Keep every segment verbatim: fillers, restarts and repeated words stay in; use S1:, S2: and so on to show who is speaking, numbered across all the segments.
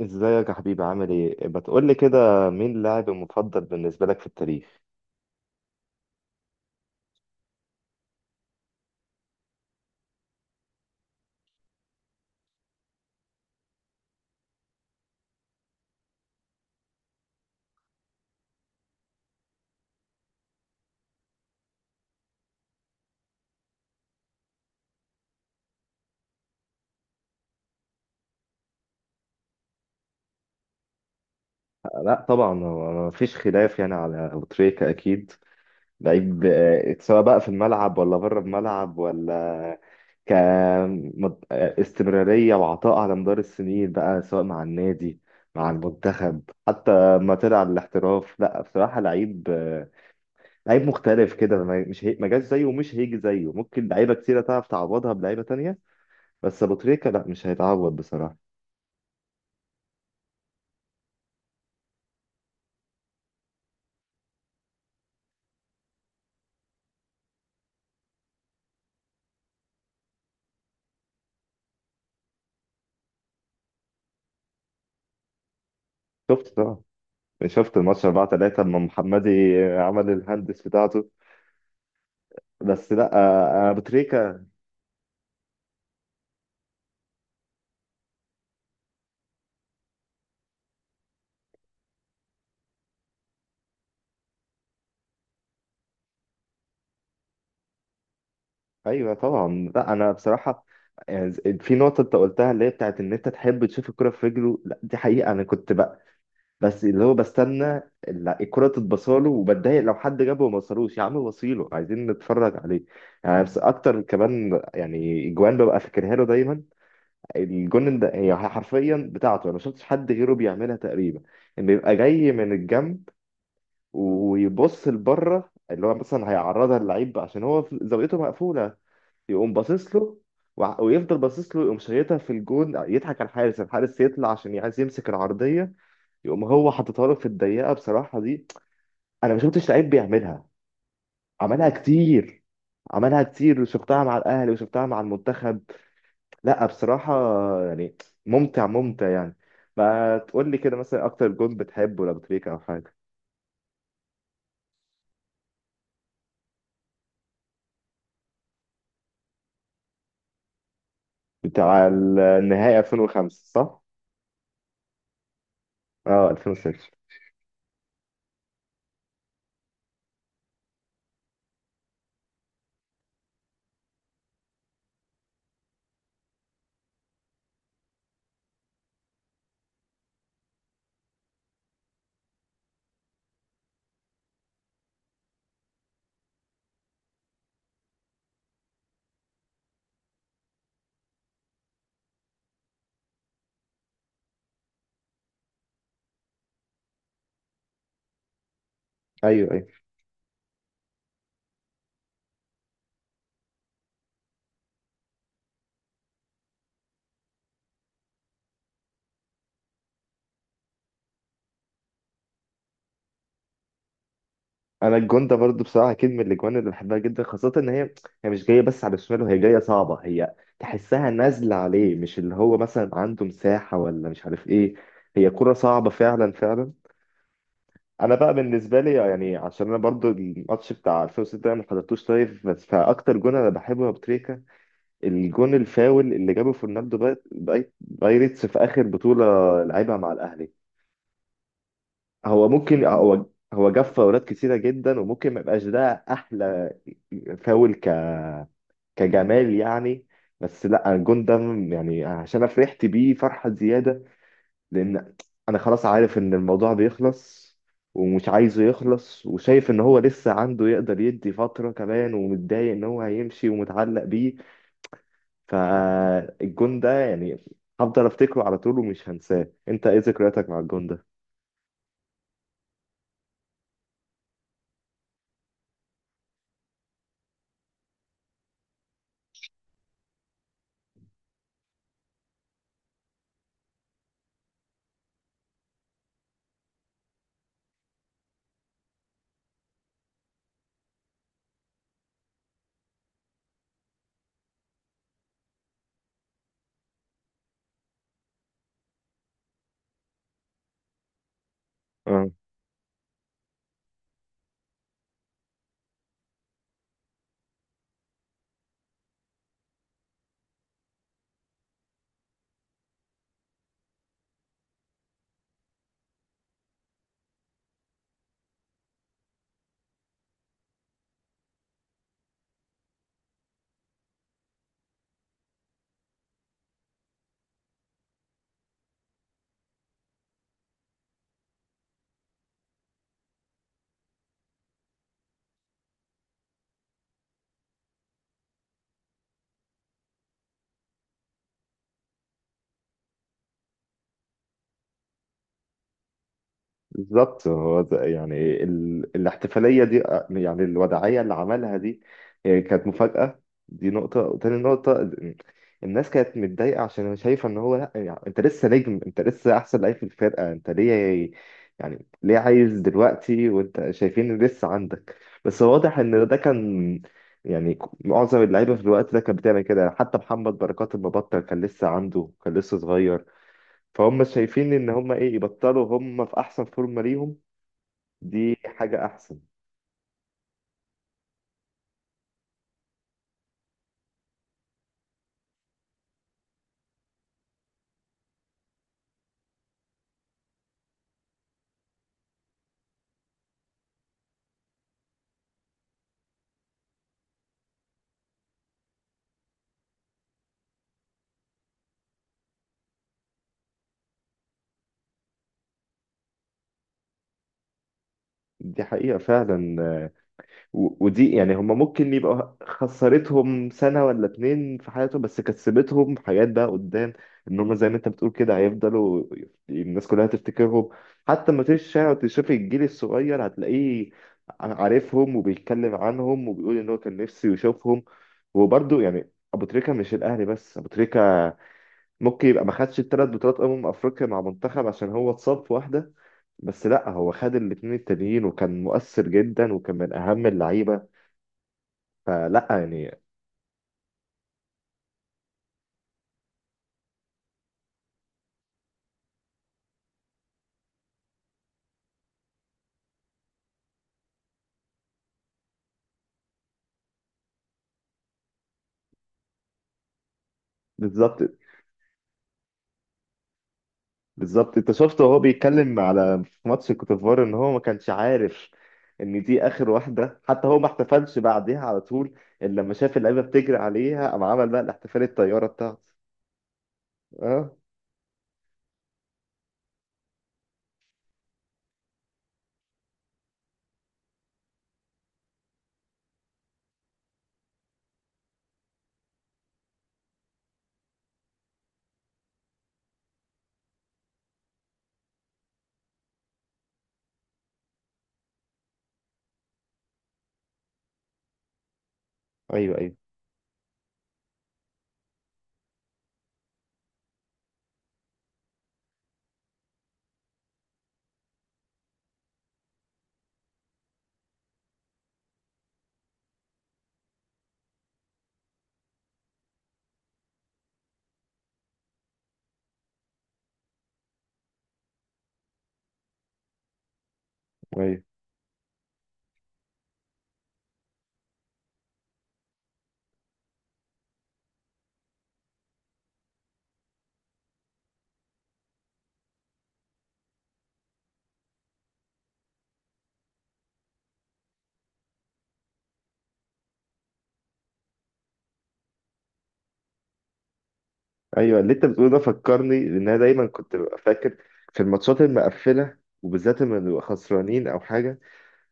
S1: ازيك يا حبيبي، عامل ايه؟ بتقول لي كده مين اللاعب المفضل بالنسبه لك في التاريخ؟ لا طبعا، هو ما فيش خلاف يعني على ابو تريكة اكيد. لعيب آه، سواء بقى في الملعب ولا بره الملعب، ولا ك مد- آه، استمراريه وعطاء على مدار السنين بقى، سواء مع النادي، مع المنتخب، حتى ما طلع الاحتراف. لا بصراحه لعيب آه، لعيب مختلف كده. ما- مش هي... ما جاش زيه ومش هيجي زيه. ممكن لعيبه كتيره تعرف تعوضها بلعيبه تانية، بس ابو تريكة لا، مش هيتعوض بصراحه. شفت طبعا، شفت الماتش أربعة تلاتة لما محمدي عمل الهندس بتاعته. بس لا آه، آه، ابو تريكه. ايوه طبعا. لا انا بصراحه يعني، في نقطه انت قلتها اللي هي بتاعت ان انت تحب تشوف الكره في رجله، لا دي حقيقه. انا كنت بقى بس اللي هو بستنى ال- الكره تتبصاله، وبتضايق لو حد جابه وما وصلوش. يا عم وصيله، عايزين نتفرج عليه يعني. بس اكتر كمان يعني، اجوان ببقى فاكرها له دايما. الجون ده هي حرفيا بتاعته، انا ما شفتش حد غيره بيعملها تقريبا. ان بيبقى جاي من الجنب ويبص لبره، اللي هو مثلا هيعرضها للعيب عشان هو في- زاويته مقفوله، يقوم باصص له، وع- ويفضل باصص له، يقوم شايطها في الجون، يضحك على الحارس. الحارس يطلع عشان عايز يمسك العرضيه، يقوم هو حاططها له في الضيقه. بصراحه دي انا ما شفتش لعيب بيعملها. عملها كتير. عملها كتير، وشفتها مع الاهلي وشفتها مع المنتخب. لا بصراحه يعني، ممتع ممتع يعني. ما تقول لي كده مثلا، اكتر جون بتحبه ولا بتريك او حاجه؟ بتاع النهائي ألفين وخمسة، صح؟ اه ألفين وستة. ايوه ايوه. انا الجون ده برضو بصراحه اكيد من الاجوان اللي بحبها جدا، خاصه ان هي هي مش جايه بس على الشمال، وهي جايه صعبه، هي تحسها نازله عليه، مش اللي هو مثلا عنده مساحه ولا مش عارف ايه. هي كره صعبه فعلا فعلا. انا بقى بالنسبه لي يعني، عشان انا برضو الماتش بتاع ألفين وستة ده ما حضرتوش لايف. بس فاكتر جون انا بحبه يا أبو تريكه، الجون الفاول اللي جابه فرناندو باي- باي- بايرتس في اخر بطوله لعبها مع الاهلي. هو ممكن هو هو جاب فاولات كتيرة جدا، وممكن ما يبقاش ده أحلى فاول ك كجمال يعني. بس لا الجون ده يعني، عشان أنا فرحت بيه فرحة زيادة، لأن أنا خلاص عارف إن الموضوع بيخلص، ومش عايزه يخلص، وشايف إن هو لسه عنده يقدر يدي فترة كمان، ومتضايق إن هو هيمشي ومتعلق بيه. فالجون ده يعني هفضل أفتكره على طول ومش هنساه. أنت إيه ذكرياتك مع الجون ده؟ بالظبط، هو ده- يعني ال... الاحتفالية دي آه، يعني الوداعية اللي عملها دي، هي كانت مفاجأة. دي نقطة، وتاني نقطة ال- الناس كانت متضايقة عشان شايفة ان هو، لا يعني، انت لسه نجم، انت لسه احسن لعيب في الفرقة، انت ليه يعني ليه عايز دلوقتي وانت شايفين إن لسه عندك. بس واضح ان ده كان يعني معظم اللعيبة في الوقت ده كانت بتعمل كده، حتى محمد بركات المبطل كان لسه عنده، كان لسه صغير. فهم شايفين ان هم ايه يبطلوا هم في احسن فورمه ليهم. دي حاجه احسن. دي حقيقه فعلا آه، و- ودي يعني هم ممكن يبقى خسرتهم سنه ولا اتنين في حياتهم، بس كسبتهم حاجات بقى قدام. ان هم زي ما انت بتقول كده، هيفضلوا الناس كلها تفتكرهم. حتى ما تيجي الشارع وتشوف الجيل الصغير، هتلاقيه عارفهم وبيتكلم عنهم وبيقول ان هو كان نفسه يشوفهم. وبرده يعني، ابو تريكه مش الاهلي بس، ابو تريكه ممكن يبقى ما خدش الثلاث بطولات امم افريقيا مع منتخب عشان هو اتصاب في واحده، بس لا هو خد الاثنين التانيين وكان مؤثر جدا وكان من اهم اللعيبه. فلا يعني. بالظبط. بالظبط انت شفته وهو بيتكلم على، في ماتش كوتيفوار، ان هو ما كانش عارف ان دي اخر واحده، حتى هو ما احتفلش بعديها على طول، الا لما شاف اللعيبه بتجري عليها قام عمل بقى الاحتفال، الطياره بتاعته. اه. ايوه ايوه. ايوه ايوه اللي انت بتقوله ده فكرني، لان انا دايما كنت ببقى فاكر في الماتشات المقفله، وبالذات لما نبقى خسرانين او حاجه،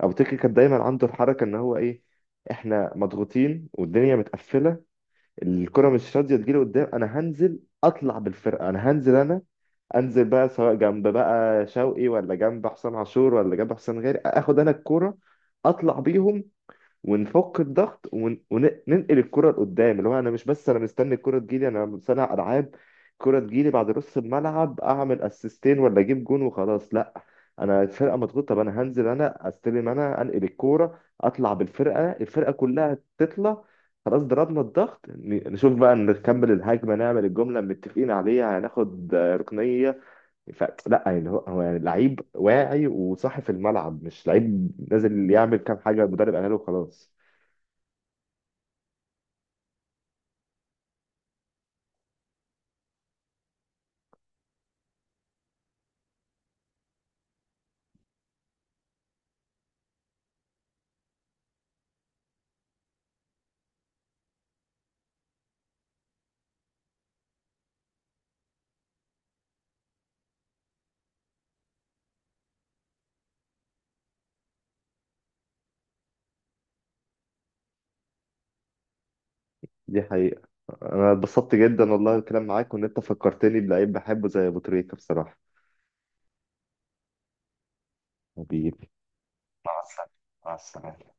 S1: ابو تريكه كان دايما عنده الحركه ان هو ايه، احنا مضغوطين والدنيا متقفله، الكره مش راضيه تجيلي قدام، انا هنزل اطلع بالفرقه، انا هنزل انا انزل بقى سواء جنب بقى شوقي، ولا جنب حسام عاشور، ولا جنب حسام غالي، اخد انا الكوره اطلع بيهم، ونفك الضغط، ون- وننقل الكرة لقدام. اللي هو انا مش بس انا مستني الكرة تجيلي، انا مصنع العاب، الكرة تجيلي بعد نص الملعب اعمل اسيستين ولا اجيب جون وخلاص، لا. انا الفرقة مضغوطة، طب انا هنزل انا استلم انا انقل الكرة اطلع بالفرقة، الفرقة كلها تطلع، خلاص ضربنا الضغط، ن- نشوف بقى نكمل الهجمة، نعمل الجملة اللي متفقين عليها، هناخد آه، ركنية. فلا يعني، هو هو يعني لعيب واعي وصاحي في الملعب، مش لعيب نازل يعمل كام حاجة المدرب قالها له خلاص. دي حقيقة. أنا اتبسطت جدا والله الكلام معاك، وإن أنت فكرتني بلعيب بحبه زي أبو تريكة بصراحة. حبيبي. مع السلامة. مع السلامة.